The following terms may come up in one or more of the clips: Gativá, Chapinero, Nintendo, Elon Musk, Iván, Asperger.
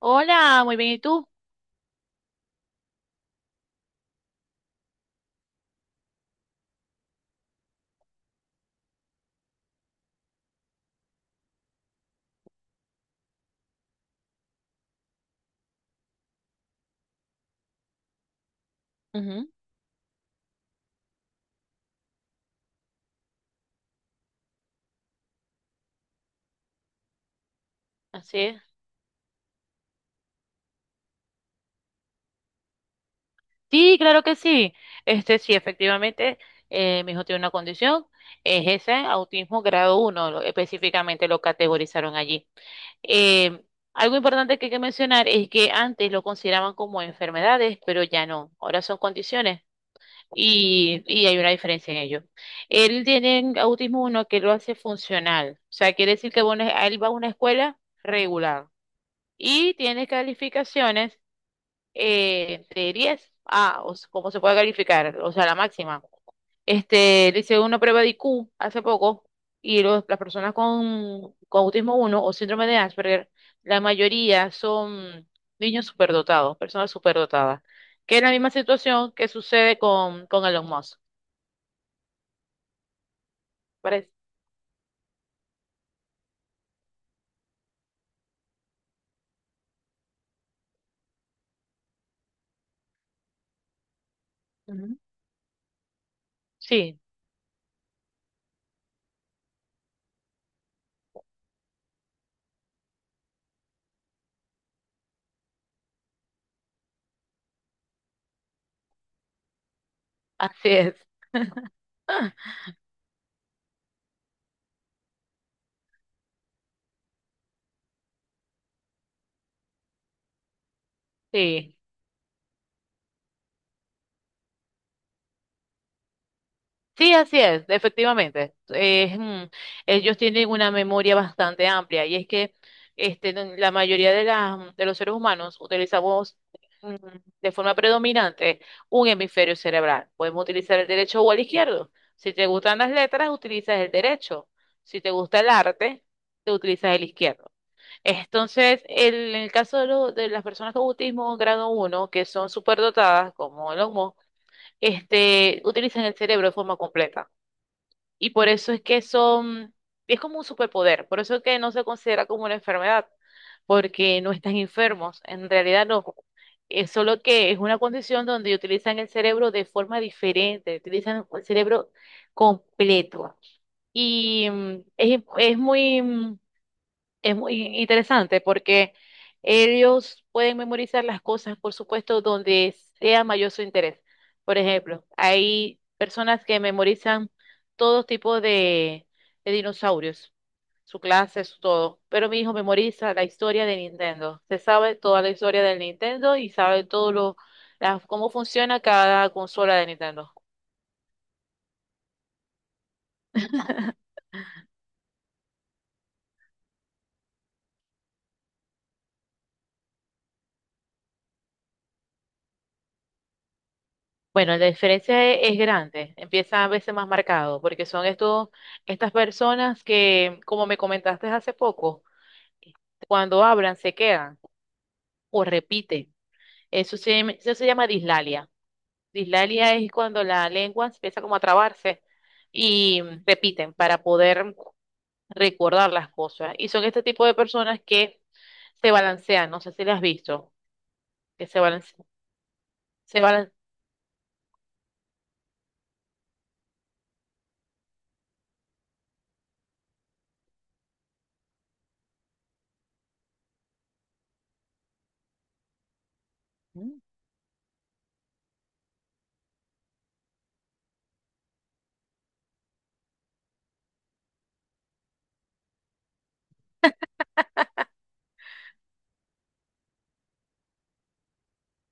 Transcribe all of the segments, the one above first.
Hola, muy bien, ¿y tú? Ujú. Así es. Sí, claro que sí. Sí, efectivamente, mi hijo tiene una condición, es ese autismo grado uno, específicamente lo categorizaron allí. Eh, Algo importante que hay que mencionar es que antes lo consideraban como enfermedades, pero ya no, ahora son condiciones y hay una diferencia en ello. Él tiene autismo uno que lo hace funcional, o sea, quiere decir que bueno, él va a una escuela regular y tiene calificaciones de 10. Ah, o sea, ¿cómo se puede calificar? O sea, la máxima. Le hice una prueba de IQ hace poco y las personas con autismo uno o síndrome de Asperger, la mayoría son niños superdotados, personas superdotadas, que es la misma situación que sucede con Elon Musk. ¿Parece? Ujú. Sí, así es. Sí. Sí, así es, efectivamente. Ellos tienen una memoria bastante amplia y es que la mayoría de los seres humanos utilizamos mm, de forma predominante un hemisferio cerebral. Podemos utilizar el derecho o el izquierdo. Si te gustan las letras, utilizas el derecho. Si te gusta el arte, te utilizas el izquierdo. Entonces, en el caso de las personas con autismo grado uno, que son superdotadas, como el Musk, utilizan el cerebro de forma completa. Y por eso es que son, es como un superpoder, por eso es que no se considera como una enfermedad, porque no están enfermos, en realidad no. Es solo que es una condición donde utilizan el cerebro de forma diferente, utilizan el cerebro completo. Y es muy interesante porque ellos pueden memorizar las cosas, por supuesto, donde sea mayor su interés. Por ejemplo, hay personas que memorizan todo tipo de dinosaurios, su clase, su todo. Pero mi hijo memoriza la historia de Nintendo. Se sabe toda la historia del Nintendo y sabe todo cómo funciona cada consola de Nintendo. Bueno, la diferencia es grande, empieza a veces más marcado, porque son estas personas que, como me comentaste hace poco, cuando hablan se quedan o repiten. Eso se llama dislalia. Dislalia es cuando la lengua empieza como a trabarse y repiten para poder recordar las cosas. Y son este tipo de personas que se balancean, no sé si las has visto, que se balancean, se balan- ¿Mm?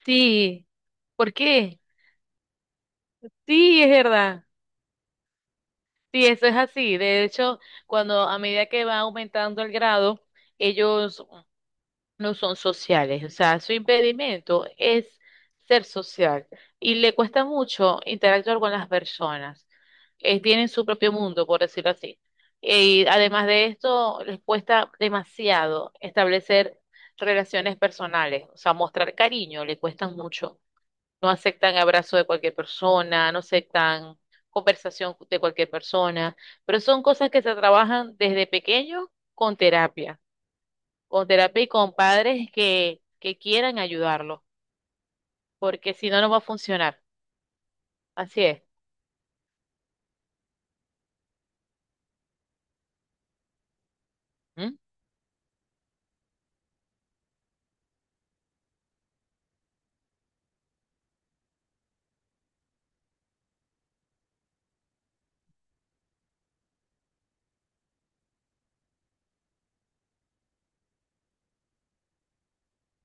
Sí, ¿por qué? Sí, es verdad. Sí, eso es así. De hecho, cuando a medida que va aumentando el grado, ellos no son sociales. O sea, su impedimento es ser social y le cuesta mucho interactuar con las personas. Tienen su propio mundo, por decirlo así. Y además de esto, les cuesta demasiado establecer relaciones personales. O sea, mostrar cariño, le cuesta mucho no aceptan abrazo de cualquier persona, no aceptan conversación de cualquier persona, pero son cosas que se trabajan desde pequeños con terapia, con terapia y con padres que quieran ayudarlos, porque si no, no va a funcionar. Así es. ¿Mm?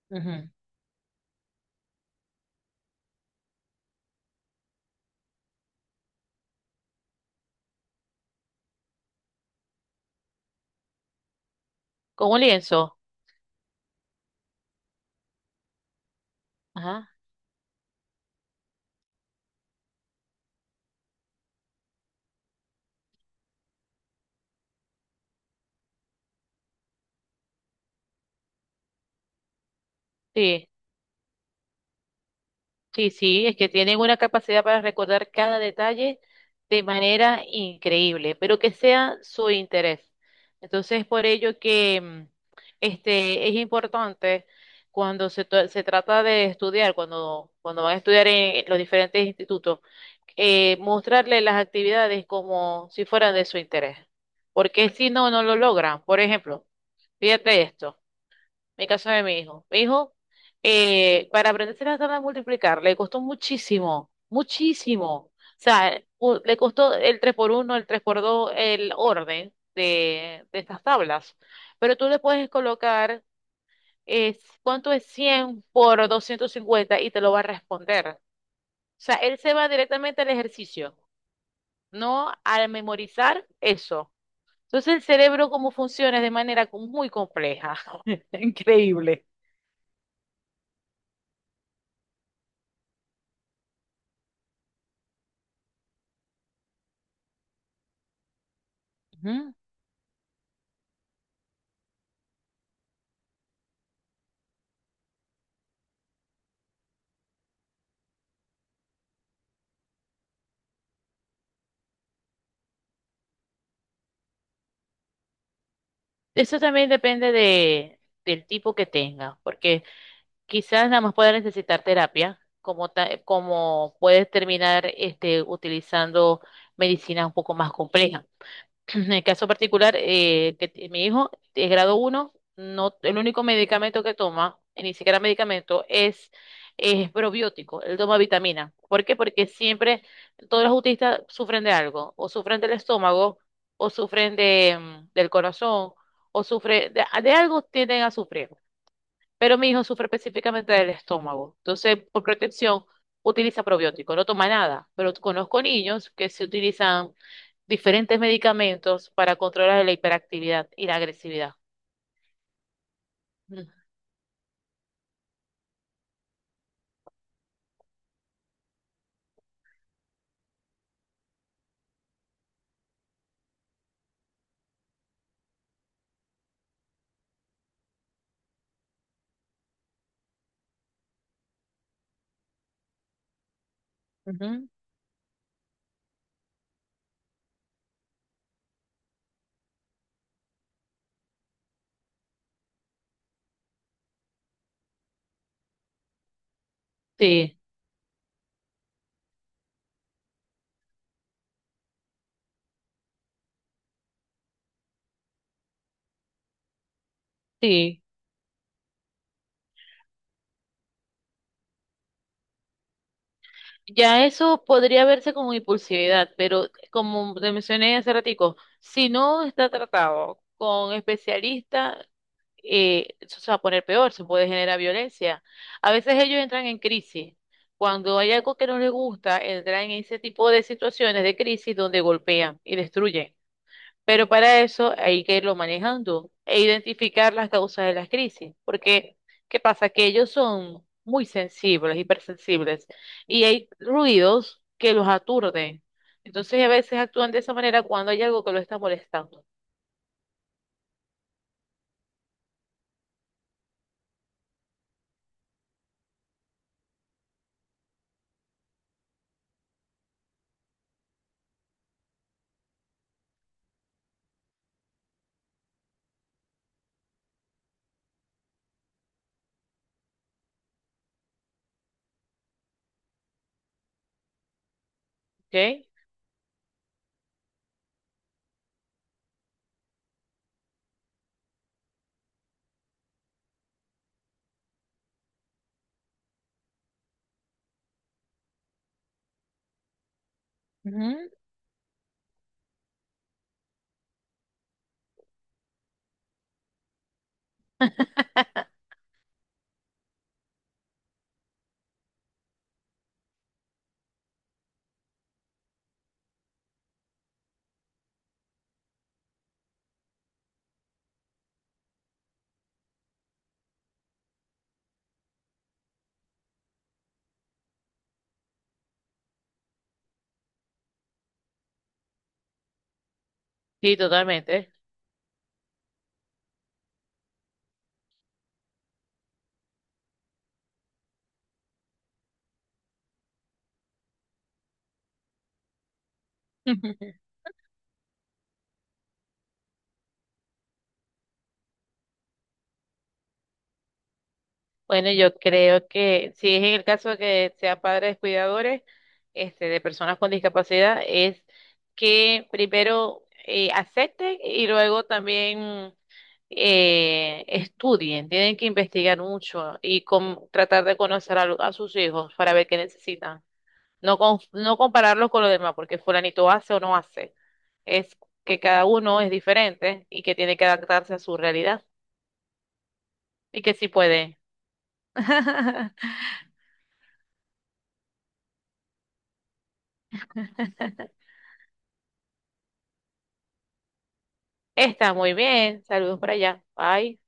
Ujú. Con un lienzo. Ajá. Sí. Sí, sí, es que tienen una capacidad para recordar cada detalle de manera increíble, pero que sea su interés. Entonces, por ello este es importante cuando se trata de estudiar, cuando van a estudiar en los diferentes institutos, mostrarle las actividades como si fueran de su interés, porque si no, no lo logran. Por ejemplo, fíjate esto. Mi caso de mi hijo. Mi hijo, para aprenderse la tabla de multiplicar, le costó muchísimo, muchísimo. O sea, le costó el 3 por uno, el 3 por 2, el orden de estas tablas. Pero tú le puedes colocar eh, cuánto es 100 por 250 y te lo va a responder. O sea, él se va directamente al ejercicio, no al memorizar eso. Entonces el cerebro, cómo funciona, es de manera muy compleja. Increíble. Ujú. Eso también depende del tipo que tengas, porque quizás nada más pueda necesitar terapia, como puedes terminar utilizando medicinas un poco más complejas. En el caso particular, que mi hijo es grado uno no, el único medicamento que toma, y ni siquiera medicamento, es probiótico. Él toma vitamina. ¿Por qué? Porque siempre todos los autistas sufren de algo, o sufren del estómago, o sufren del corazón, o sufren de algo tienden a sufrir. Pero mi hijo sufre específicamente del estómago. Entonces, por protección, utiliza probiótico. No toma nada, pero conozco niños que se utilizan diferentes medicamentos para controlar la hiperactividad y la agresividad. Mm. Ujú. Sí, sí. Ya eso podría verse como impulsividad, pero como te mencioné hace ratico, si no está tratado con especialistas, eso se va a poner peor, se puede generar violencia. A veces ellos entran en crisis. Cuando hay algo que no les gusta, entran en ese tipo de situaciones de crisis donde golpean y destruyen. Pero para eso hay que irlo manejando e identificar las causas de las crisis. Porque, ¿qué pasa? Que ellos son muy sensibles, hipersensibles, y hay ruidos que los aturden. Entonces, a veces actúan de esa manera cuando hay algo que lo está molestando. ¿Ok? Ujú. Sí, totalmente. Bueno, yo creo que si es en el caso de que sean padres cuidadores, de personas con discapacidad, es que primero acepten y luego también estudien. Tienen que investigar mucho y tratar de conocer a sus hijos para ver qué necesitan. No, no compararlos con los demás, porque fulanito hace o no hace. Es que cada uno es diferente y que tiene que adaptarse a su realidad y que sí puede. Está muy bien. Saludos por allá. Bye.